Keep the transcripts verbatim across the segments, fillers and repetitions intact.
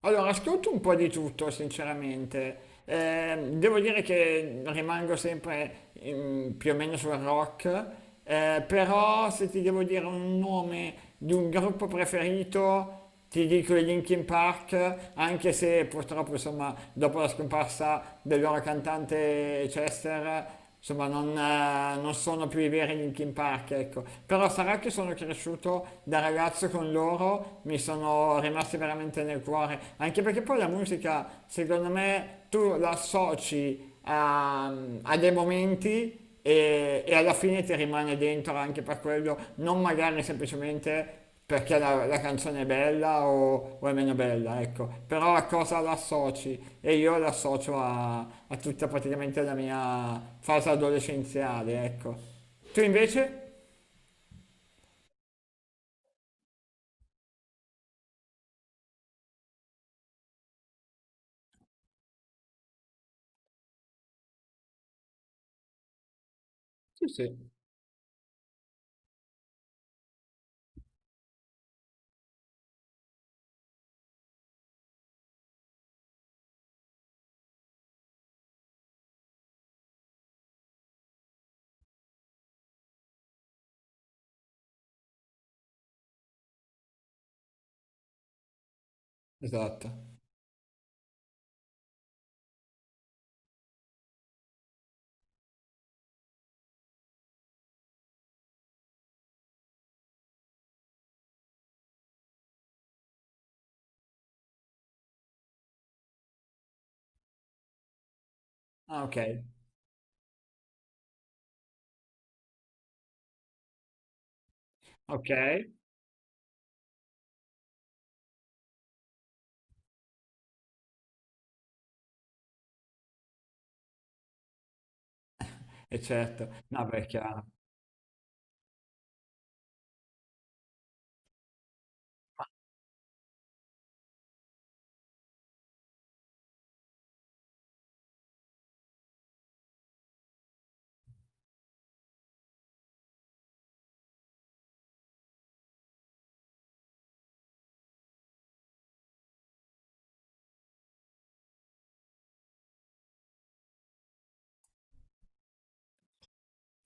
Allora, ascolto un po' di tutto, sinceramente. Eh, devo dire che rimango sempre mm, più o meno sul rock. Eh, però se ti devo dire un nome di un gruppo preferito, ti dico i Linkin Park, anche se purtroppo, insomma, dopo la scomparsa del loro cantante Chester, insomma, non, eh, non sono più i veri Linkin Park, ecco. Però sarà che sono cresciuto da ragazzo con loro, mi sono rimasti veramente nel cuore. Anche perché poi la musica, secondo me, tu la associ a, a dei momenti e, e alla fine ti rimane dentro anche per quello, non magari semplicemente perché la, la canzone è bella o, o è meno bella, ecco, però a cosa l'associ? E io l'associo a, a tutta praticamente la mia fase adolescenziale, ecco. Tu invece? Esatto. Ah, ok. Ok, e certo, no, beh, è chiaro.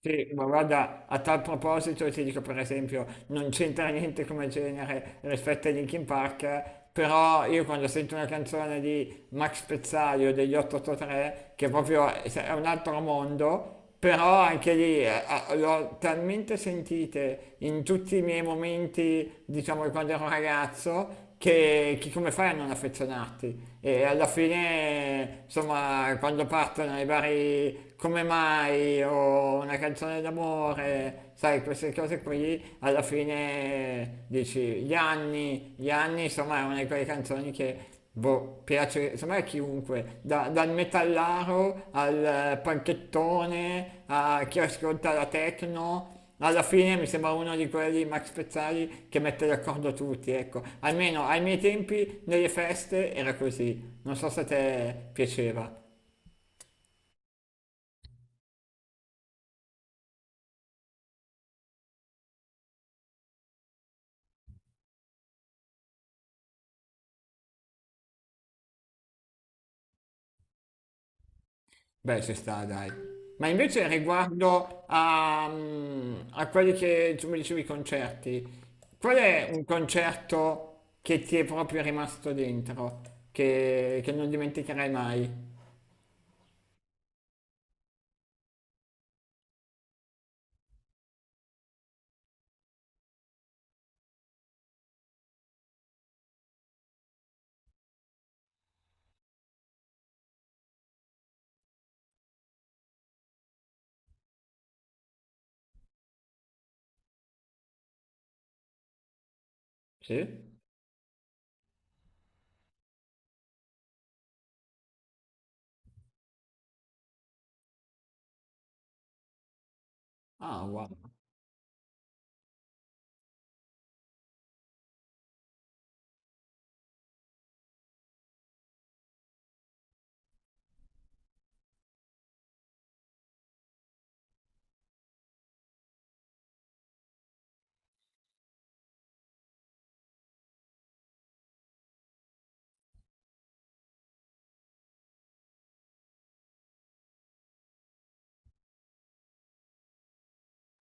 Sì, ma guarda, a tal proposito ti dico per esempio, non c'entra niente come genere rispetto a Linkin Park, però io quando sento una canzone di Max Pezzali o degli ottantotto tre, che proprio è è un altro mondo, però anche lì eh, ah, le ho talmente sentite in tutti i miei momenti, diciamo, di quando ero ragazzo, che, che come fai a non affezionarti? E alla fine, insomma, quando partono i vari come mai o una canzone d'amore, sai, queste cose qui, alla fine dici gli anni, gli anni, insomma, è una di quelle canzoni che boh, piace, secondo me a chiunque, da- dal metallaro al eh, panchettone, a chi ascolta la techno, alla fine mi sembra uno di quelli Max Pezzali che mette d'accordo tutti, ecco. Almeno ai miei tempi, nelle feste, era così. Non so se a te piaceva. Beh, ci sta, dai. Ma invece riguardo a, mm, a quelli che tu mi dicevi i concerti, qual è un concerto che ti è proprio rimasto dentro, che, che non dimenticherai mai? Sì? Ah, wow.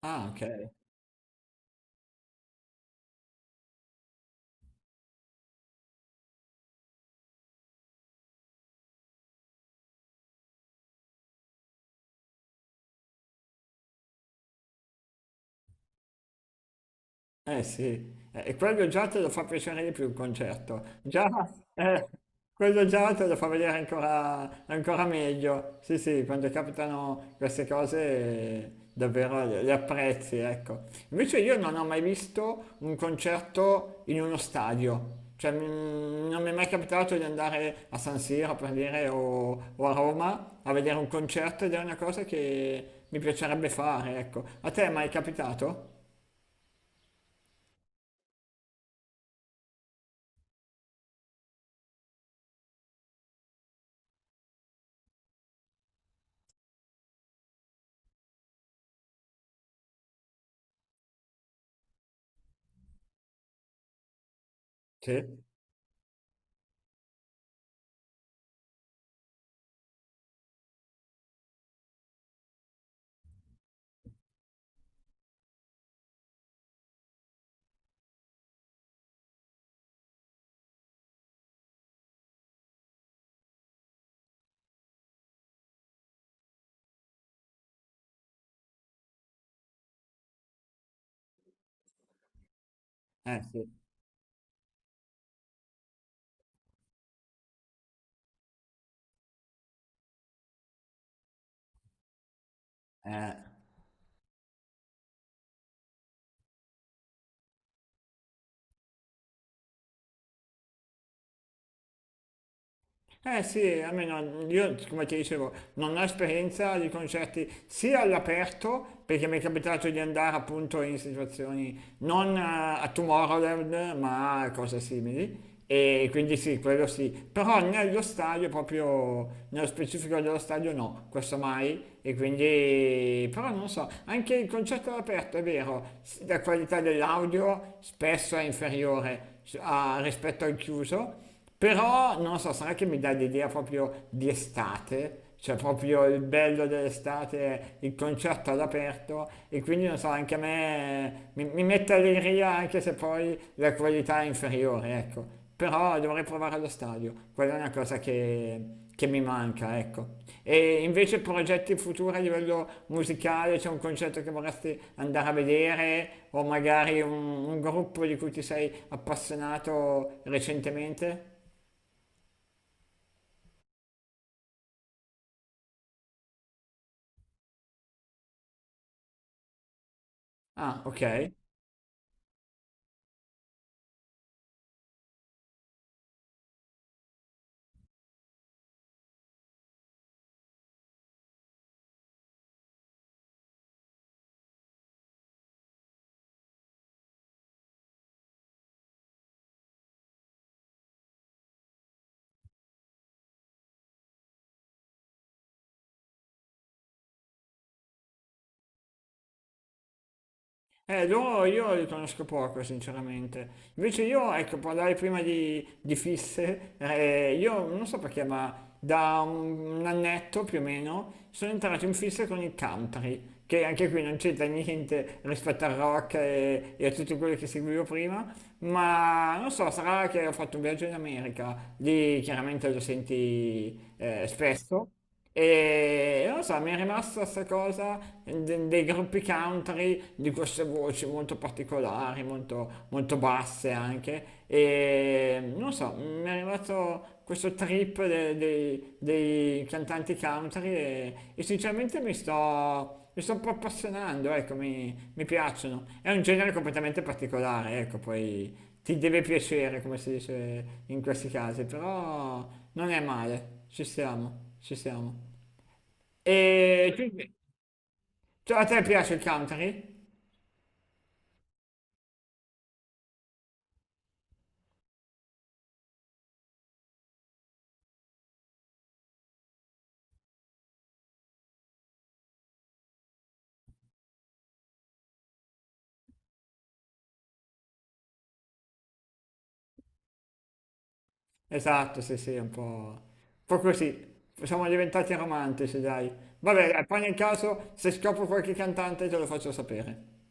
Ah, ok. Eh sì, eh, e quello già te lo fa piacere di più il concerto, già. eh, Quello già te lo fa vedere ancora, ancora meglio, sì sì, quando capitano queste cose eh, davvero le, le apprezzi, ecco. Invece io non ho mai visto un concerto in uno stadio, cioè mm, non mi è mai capitato di andare a San Siro per dire o, o a Roma a vedere un concerto ed è una cosa che mi piacerebbe fare, ecco. A te è mai capitato? Sì, eh sì. Eh, eh sì, almeno io, come ti dicevo, non ho esperienza di concerti sia all'aperto, perché mi è capitato di andare appunto in situazioni non eh, a Tomorrowland, ma a cose simili. E quindi sì, quello sì, però nello stadio, proprio nello specifico dello stadio no, questo mai. E quindi, però non so, anche il concerto all'aperto è vero, s- la qualità dell'audio spesso è inferiore s- a- rispetto al chiuso. Però non so, sarà che mi dà l'idea proprio di estate, cioè proprio il bello dell'estate è il concerto all'aperto e quindi non so, anche a me mi, mi mette allegria anche se poi la qualità è inferiore, ecco. Però dovrei provare allo stadio, quella è una cosa che, che mi manca, ecco. E invece progetti futuri a livello musicale, c'è un concerto che vorresti andare a vedere o magari un, un gruppo di cui ti sei appassionato recentemente? Ah, ok. Eh, loro io li conosco poco, sinceramente. Invece io, ecco, parlare prima di, di fisse, eh, io non so perché, ma da un, un annetto più o meno sono entrato in fisse con il country, che anche qui non c'entra niente rispetto al rock e, e a tutto quello che seguivo prima, ma non so, sarà che ho fatto un viaggio in America, lì chiaramente lo senti eh, spesso. E non lo so, mi è rimasta questa cosa de- dei gruppi country, di queste voci molto particolari, molto, molto basse anche. E non lo so, mi è rimasto questo trip de- dei, dei cantanti country e, e sinceramente mi sto, mi sto un po' appassionando, ecco, mi, mi piacciono. È un genere completamente particolare, ecco, poi ti deve piacere, come si dice in questi casi, però non è male. Ci siamo, ci siamo. E quindi, cioè, a te piace il country? Esatto, sì, sì, un po', un po' così. Siamo diventati romantici, dai. Vabbè, dai, poi nel caso, se scopro qualche cantante, te lo faccio sapere.